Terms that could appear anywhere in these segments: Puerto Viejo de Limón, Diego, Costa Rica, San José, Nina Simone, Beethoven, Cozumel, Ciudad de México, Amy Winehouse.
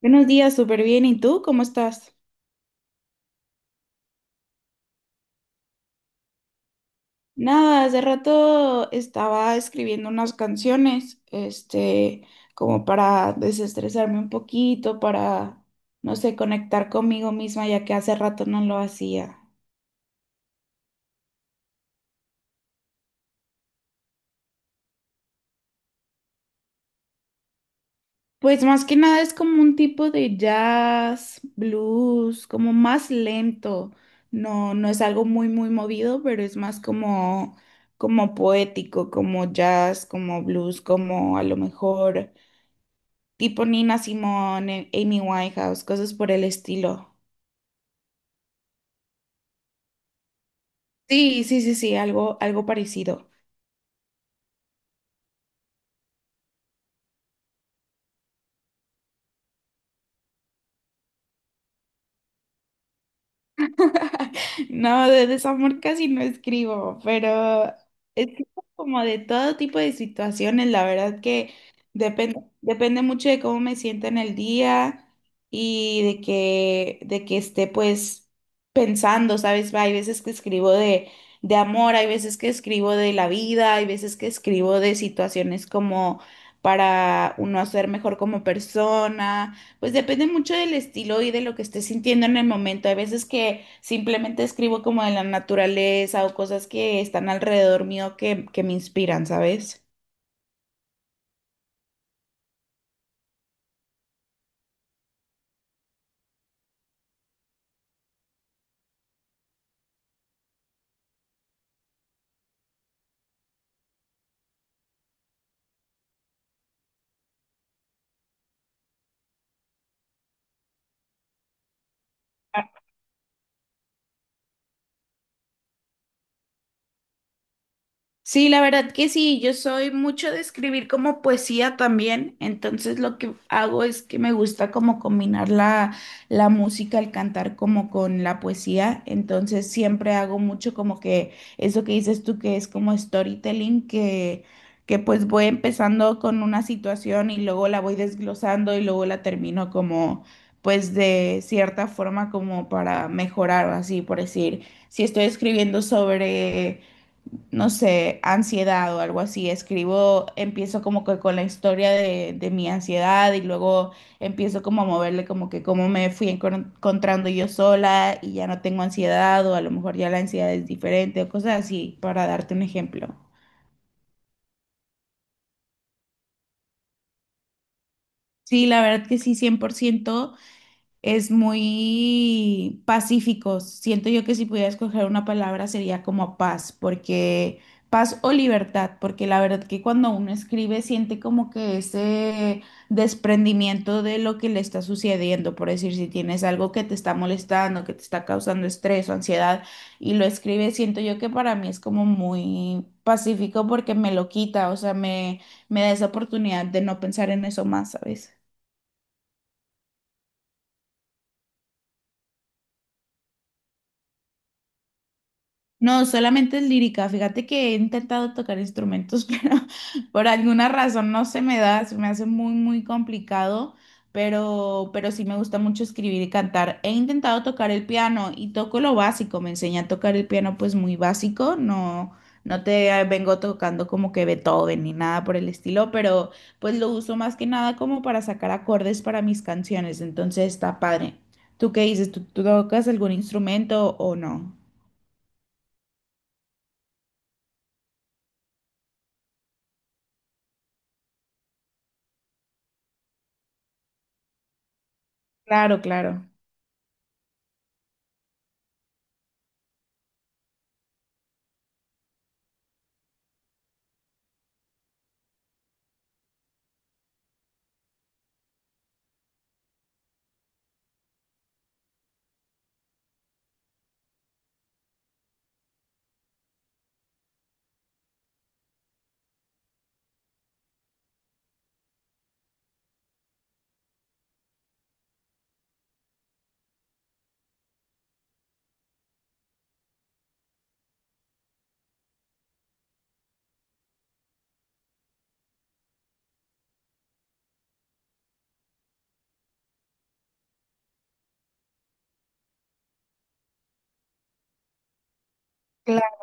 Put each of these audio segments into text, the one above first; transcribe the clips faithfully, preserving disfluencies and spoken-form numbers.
Buenos días, súper bien. ¿Y tú cómo estás? Nada, hace rato estaba escribiendo unas canciones, este, como para desestresarme un poquito, para, no sé, conectar conmigo misma, ya que hace rato no lo hacía. Pues más que nada es como un tipo de jazz, blues, como más lento. No, no es algo muy, muy movido, pero es más como, como poético, como jazz, como blues, como a lo mejor, tipo Nina Simone, Amy Winehouse, cosas por el estilo. Sí, sí, sí, sí, algo, algo parecido. No, de desamor casi no escribo, pero escribo como de todo tipo de situaciones. La verdad que depende, depende mucho de cómo me siento en el día y de que, de que esté pues pensando, ¿sabes? Hay veces que escribo de, de amor, hay veces que escribo de la vida, hay veces que escribo de situaciones como para uno ser mejor como persona. Pues depende mucho del estilo y de lo que esté sintiendo en el momento. Hay veces que simplemente escribo como de la naturaleza o cosas que están alrededor mío que, que me inspiran, ¿sabes? Sí, la verdad que sí, yo soy mucho de escribir como poesía también, entonces lo que hago es que me gusta como combinar la, la música, el cantar como con la poesía, entonces siempre hago mucho como que eso que dices tú que es como storytelling, que, que pues voy empezando con una situación y luego la voy desglosando y luego la termino como pues de cierta forma como para mejorar, así por decir, si estoy escribiendo sobre no sé, ansiedad o algo así. Escribo, empiezo como que con la historia de, de mi ansiedad y luego empiezo como a moverle como que cómo me fui encon- encontrando yo sola y ya no tengo ansiedad o a lo mejor ya la ansiedad es diferente o cosas así, para darte un ejemplo. Sí, la verdad que sí, cien por ciento es muy pacíficos. Siento yo que si pudiera escoger una palabra sería como paz, porque paz o libertad, porque la verdad que cuando uno escribe siente como que ese desprendimiento de lo que le está sucediendo, por decir, si tienes algo que te está molestando, que te está causando estrés o ansiedad y lo escribes, siento yo que para mí es como muy pacífico porque me lo quita, o sea, me, me da esa oportunidad de no pensar en eso más, ¿sabes? No, solamente es lírica. Fíjate que he intentado tocar instrumentos, pero por alguna razón no se me da, se me hace muy, muy complicado, pero, pero sí me gusta mucho escribir y cantar. He intentado tocar el piano y toco lo básico. Me enseñé a tocar el piano pues muy básico, no, no te vengo tocando como que Beethoven ni nada por el estilo, pero pues lo uso más que nada como para sacar acordes para mis canciones, entonces está padre. ¿Tú qué dices? ¿Tú, tú tocas algún instrumento o no? Claro, claro. Claro.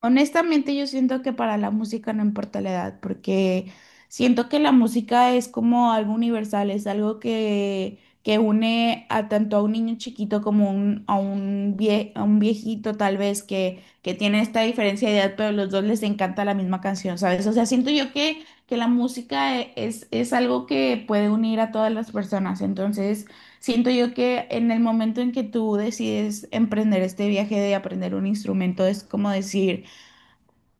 Honestamente, yo siento que para la música no importa la edad, porque siento que la música es como algo universal, es algo que, que une a tanto a un niño chiquito como un- a un vie- a un viejito tal vez que, que tiene esta diferencia de edad, pero a los dos les encanta la misma canción, ¿sabes? O sea, siento yo que, que la música e- es, es algo que puede unir a todas las personas, entonces siento yo que en el momento en que tú decides emprender este viaje de aprender un instrumento, es como decir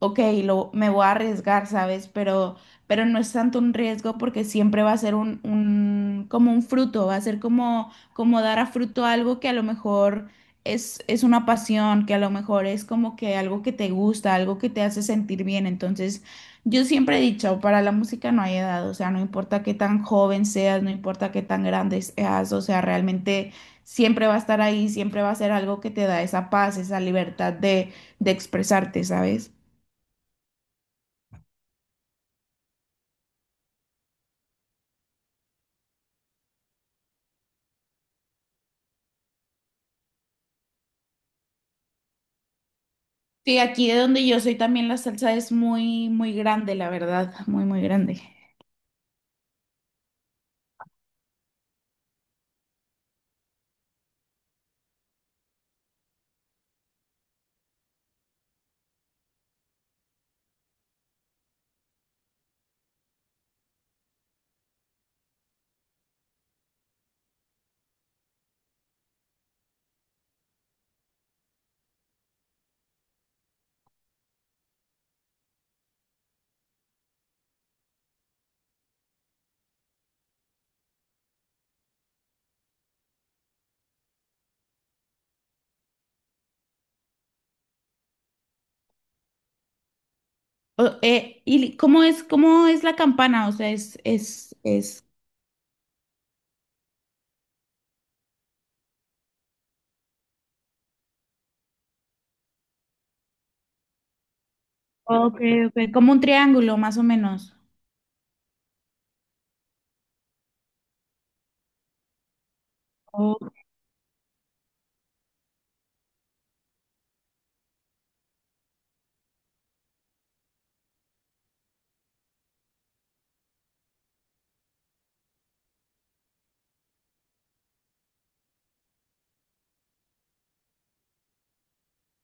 ok, lo, me voy a arriesgar, ¿sabes? Pero, pero no es tanto un riesgo porque siempre va a ser un, un, como un fruto, va a ser como, como, dar a fruto algo que a lo mejor es, es una pasión, que a lo mejor es como que algo que te gusta, algo que te hace sentir bien. Entonces, yo siempre he dicho, para la música no hay edad, o sea, no importa qué tan joven seas, no importa qué tan grande seas, o sea, realmente siempre va a estar ahí, siempre va a ser algo que te da esa paz, esa libertad de, de expresarte, ¿sabes? Sí, aquí de donde yo soy también la salsa es muy, muy grande, la verdad, muy, muy grande. O- eh, ¿y li- cómo es, cómo es la campana? O sea, es, es, es. Ok, ok, como un triángulo, más o menos. Ok.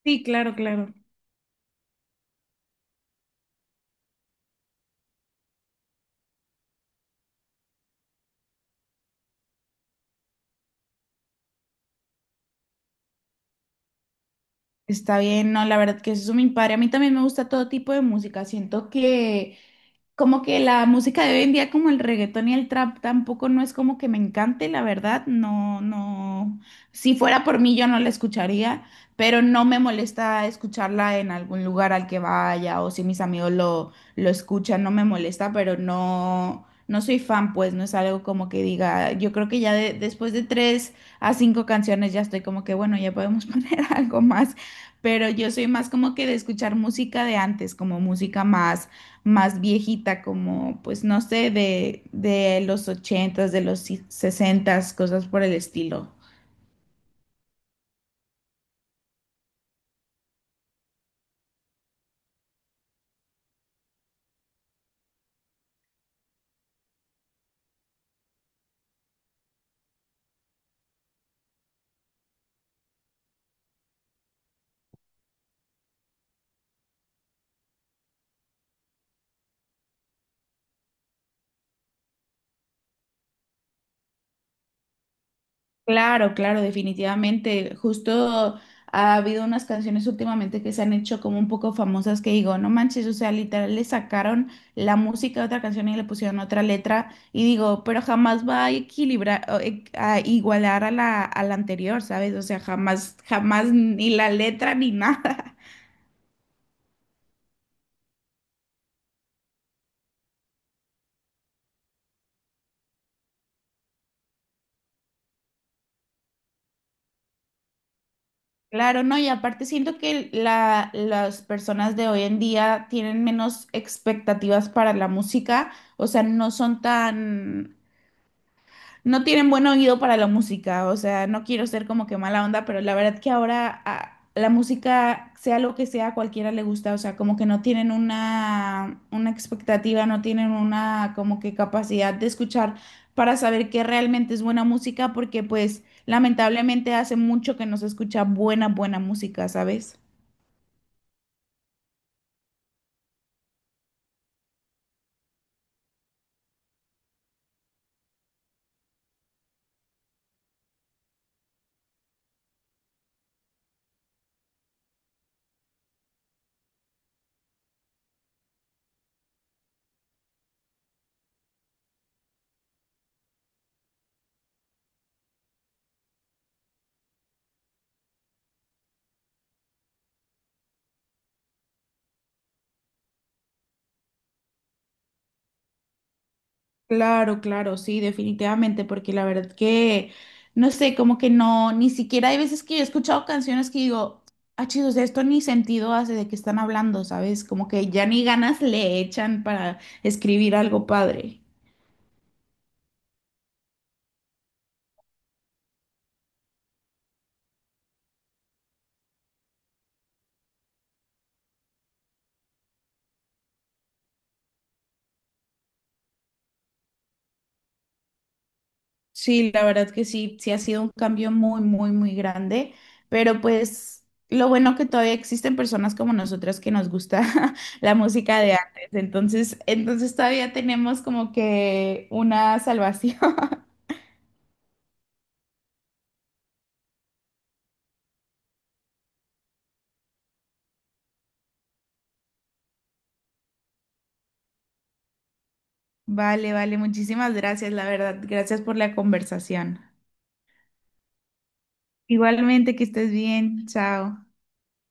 Sí, claro, claro. Está bien, no, la verdad que eso es mi padre. A mí también me gusta todo tipo de música. Siento que como que la música de hoy en día, como el reggaetón y el trap, tampoco no es como que me encante, la verdad, no, no, si fuera por mí yo no la escucharía, pero no me molesta escucharla en algún lugar al que vaya o si mis amigos lo, lo escuchan, no me molesta, pero no, no soy fan, pues no es algo como que diga, yo creo que ya de- después de tres a cinco canciones ya estoy como que, bueno, ya podemos poner algo más, pero yo soy más como que de escuchar música de antes, como música más más viejita, como pues no sé, de, de los ochentas, de los si- sesentas, cosas por el estilo. Claro, claro, definitivamente. Justo ha habido unas canciones últimamente que se han hecho como un poco famosas que digo, no manches, o sea, literal le sacaron la música de otra canción y le pusieron otra letra y digo, pero jamás va a equilibrar, o, e- a igualar a la, a la anterior, ¿sabes? O sea, jamás, jamás ni la letra ni nada. Claro, no, y aparte siento que la, las personas de hoy en día tienen menos expectativas para la música, o sea, no son tan no tienen buen oído para la música, o sea, no quiero ser como que mala onda, pero la verdad que ahora a- la música, sea lo que sea, a cualquiera le gusta, o sea, como que no tienen una, una expectativa, no tienen una como que capacidad de escuchar para saber qué realmente es buena música, porque pues lamentablemente hace mucho que no se escucha buena, buena música, ¿sabes? Claro, claro, sí, definitivamente, porque la verdad que, no sé, como que no, ni siquiera hay veces que yo he escuchado canciones que digo, ah, chido, o sea, esto ni sentido hace de qué están hablando, ¿sabes? Como que ya ni ganas le echan para escribir algo padre. Sí, la verdad que sí, sí ha sido un cambio muy, muy, muy grande, pero pues lo bueno que todavía existen personas como nosotras que nos gusta la música de antes, entonces, entonces todavía tenemos como que una salvación. Vale, vale, muchísimas gracias, la verdad. Gracias por la conversación. Igualmente, que estés bien. Chao.